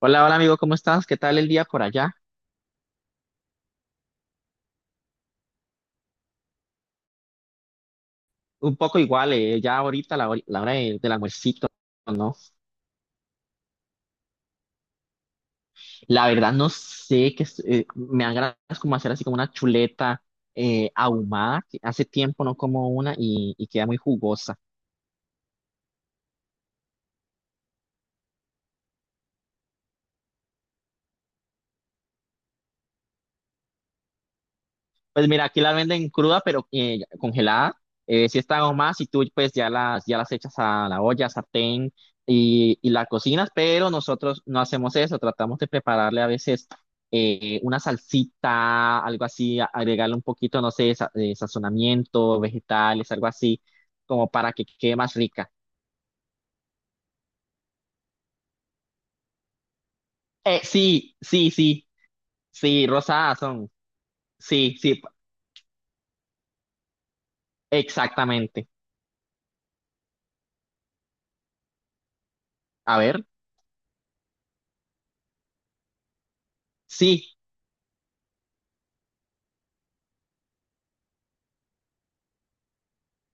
Hola, hola amigo, ¿cómo estás? ¿Qué tal el día por allá? Un poco igual, ya ahorita la hora del almuercito, ¿no? La verdad no sé qué, me agradas como hacer así como una chuleta ahumada, que hace tiempo no como una y queda muy jugosa. Pues mira, aquí la venden cruda, pero congelada. Si está más, y tú pues ya las echas a la olla, sartén y la cocinas, pero nosotros no hacemos eso, tratamos de prepararle a veces una salsita, algo así, agregarle un poquito, no sé, sazonamiento, vegetales, algo así, como para que quede más rica. Sí, sí, sí, sí, rosadas son. Sí, sí, exactamente. A ver, sí.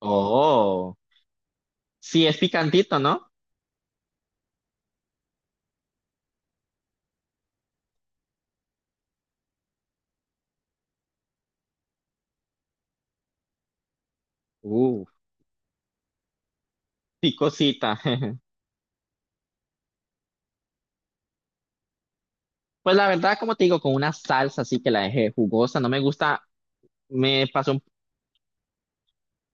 Oh, sí, es picantito, ¿no? Uh, picosita. Pues la verdad, como te digo, con una salsa así que la dejé jugosa, no me gusta, me pasó.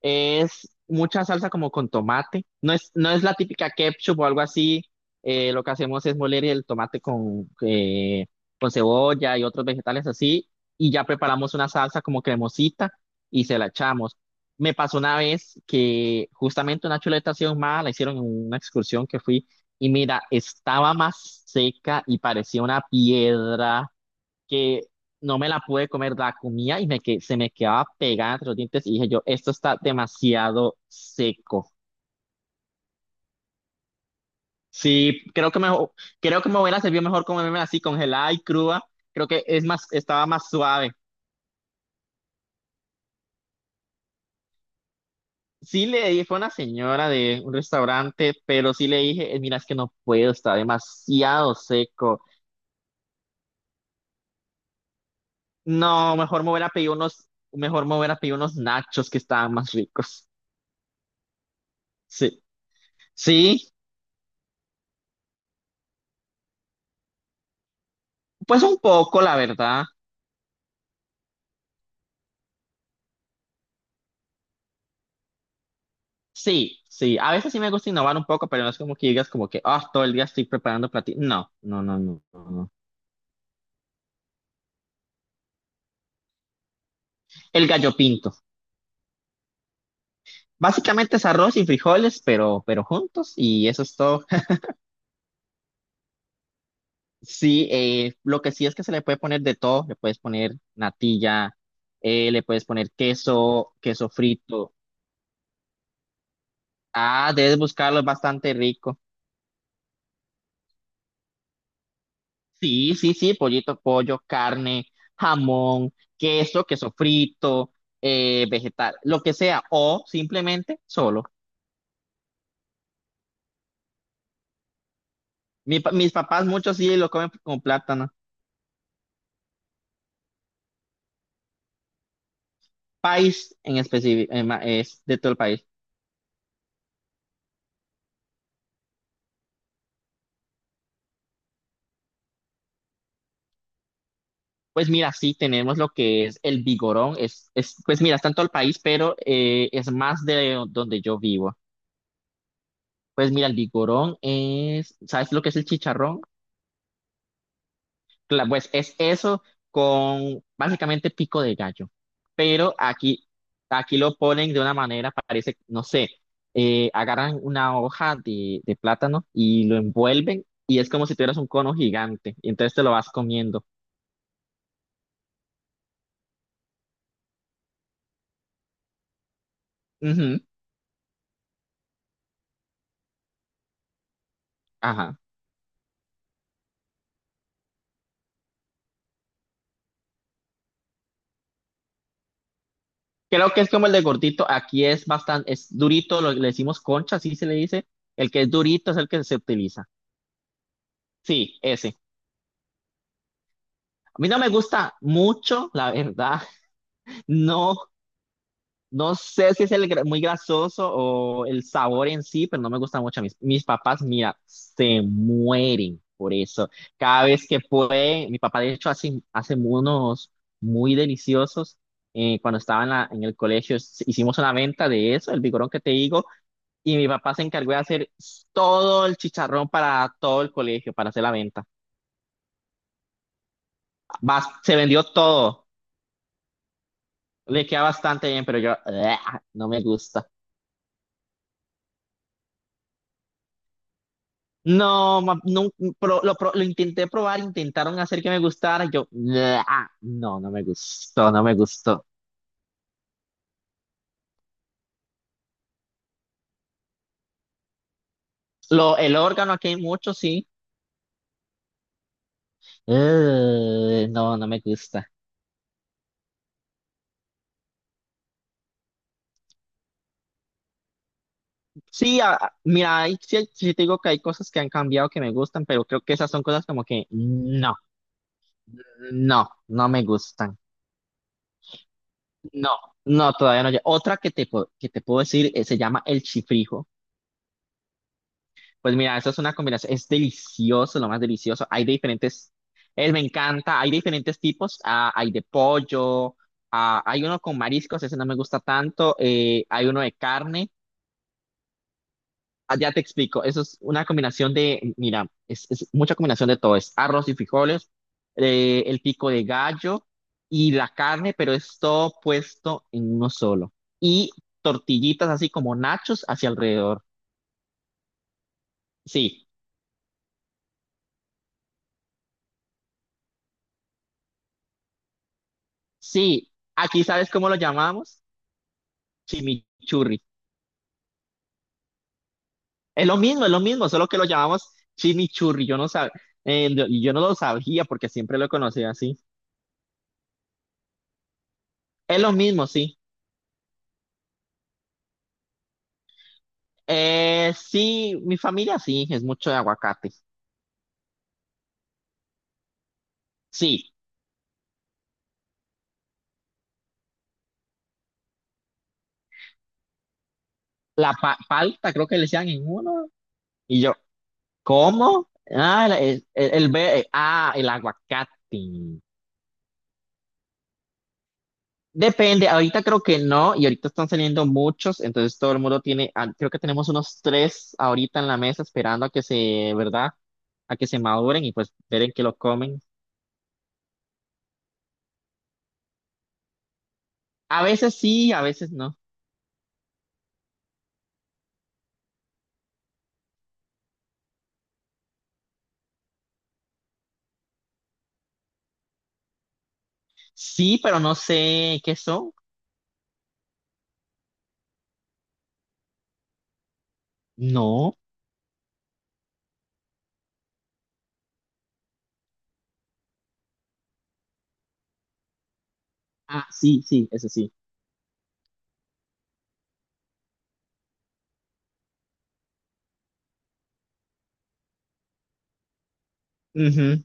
Es mucha salsa como con tomate. No es la típica ketchup o algo así. Lo que hacemos es moler el tomate con cebolla y otros vegetales así. Y ya preparamos una salsa como cremosita y se la echamos. Me pasó una vez que justamente una chuleta así ahumada la hicieron en una excursión que fui. Y mira, estaba más seca y parecía una piedra que no me la pude comer, la comía y me que, se me quedaba pegada entre los dientes y dije yo, esto está demasiado seco. Sí, creo que me hubiera servido mejor comerme así congelada y cruda. Creo que es más, estaba más suave. Sí le dije, fue una señora de un restaurante, pero sí le dije, Mira, es que no puedo, está demasiado seco". No, mejor me hubiera pedido unos nachos que estaban más ricos. Sí, sí, pues un poco, la verdad. Sí, sí, a veces sí me gusta innovar un poco, pero no es como que digas como que, ah, todo el día estoy preparando platillos. No, no, no, no, no, no. El gallo pinto. Básicamente es arroz y frijoles, pero juntos y eso es todo. Sí, lo que sí es que se le puede poner de todo. Le puedes poner natilla, le puedes poner queso, queso frito. Ah, debes buscarlo, es bastante rico. Sí, sí, sí, pollito, pollo, carne, jamón, queso, queso frito, vegetal, lo que sea, o simplemente solo. Mis papás muchos sí lo comen con plátano. País en específico, es de todo el país. Pues mira, sí tenemos lo que es el vigorón, pues mira, está en todo el país, pero es más de donde yo vivo. Pues mira, el vigorón es, ¿sabes lo que es el chicharrón? Pues es eso con básicamente pico de gallo. Pero aquí lo ponen de una manera, parece, no sé, agarran una hoja de plátano y lo envuelven y es como si tuvieras un cono gigante y entonces te lo vas comiendo. Ujú, ajá. Creo que es como el de gordito, aquí es bastante, es durito, lo, le decimos concha, así se le dice. El que es durito es el que se utiliza. Sí, ese. A mí no me gusta mucho, la verdad. No. No sé si es el muy grasoso o el sabor en sí, pero no me gusta mucho. Mis papás, mira, se mueren por eso. Cada vez que puede, mi papá de hecho hace unos muy deliciosos. Cuando estaba en el colegio hicimos una venta de eso, el vigorón que te digo, y mi papá se encargó de hacer todo el chicharrón para todo el colegio, para hacer la venta. Se vendió todo, le queda bastante bien, pero yo, ¡ah! No me gusta. No, no, lo intenté probar, intentaron hacer que me gustara, yo, "Ah, no, no me gustó, no me gustó". El órgano aquí hay mucho, sí. No, no me gusta. Sí, mira, ahí sí, sí te digo que hay cosas que han cambiado que me gustan, pero creo que esas son cosas como que no, no, no me gustan. No, no, todavía no. Otra que te puedo decir, se llama el chifrijo. Pues mira, eso es una combinación, es delicioso, lo más delicioso. Hay de diferentes, me encanta, hay de diferentes tipos, ah, hay de pollo, ah, hay uno con mariscos, ese no me gusta tanto, hay uno de carne. Ah, ya te explico, eso es una combinación de, mira, es mucha combinación de todo, es arroz y frijoles, el pico de gallo y la carne, pero es todo puesto en uno solo. Y tortillitas así como nachos hacia alrededor. Sí, sí, aquí sabes cómo lo llamamos. Chimichurri. Es lo mismo, solo que lo llamamos chimichurri. Yo no lo sabía porque siempre lo conocía así. Es lo mismo, sí. Sí, mi familia sí, es mucho de aguacate. Sí, la palta creo que le decían en uno. Y yo, ¿cómo? Ah, el aguacate. Depende, ahorita creo que no, y ahorita están saliendo muchos, entonces todo el mundo tiene, ah, creo que tenemos unos tres ahorita en la mesa esperando a que se, ¿verdad? A que se maduren y pues ver en qué lo comen. A veces sí, a veces no. Sí, pero no sé qué son. No. Ah, sí, sí, eso sí. Ujú,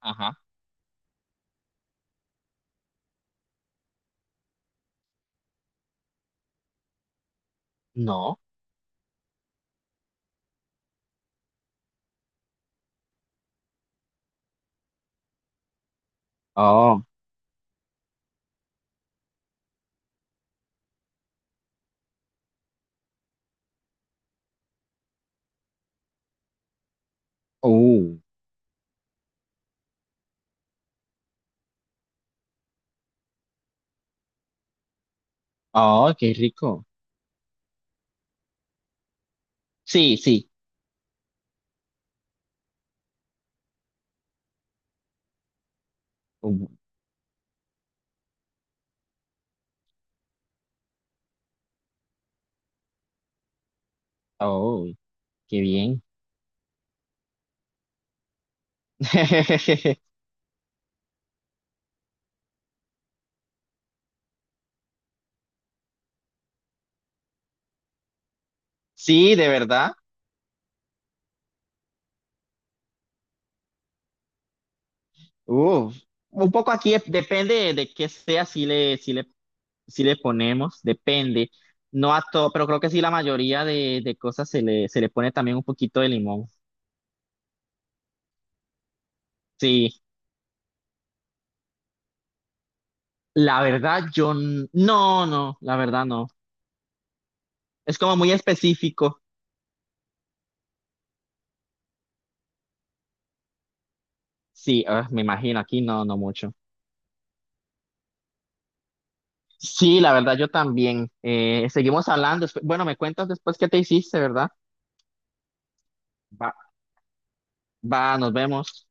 ajá. No. Oh, uh, oh, qué rico. Sí, sí. Uh, oh, qué bien. Sí, de verdad. Uf, un poco aquí depende de qué sea, si le ponemos, depende. No a todo, pero creo que sí la mayoría de cosas se le pone también un poquito de limón. Sí, la verdad yo no, no, la verdad no. Es como muy específico. Sí, ah, me imagino, aquí no, no mucho. Sí, la verdad yo también. Seguimos hablando. Bueno, me cuentas después qué te hiciste, ¿verdad? Va, va, nos vemos.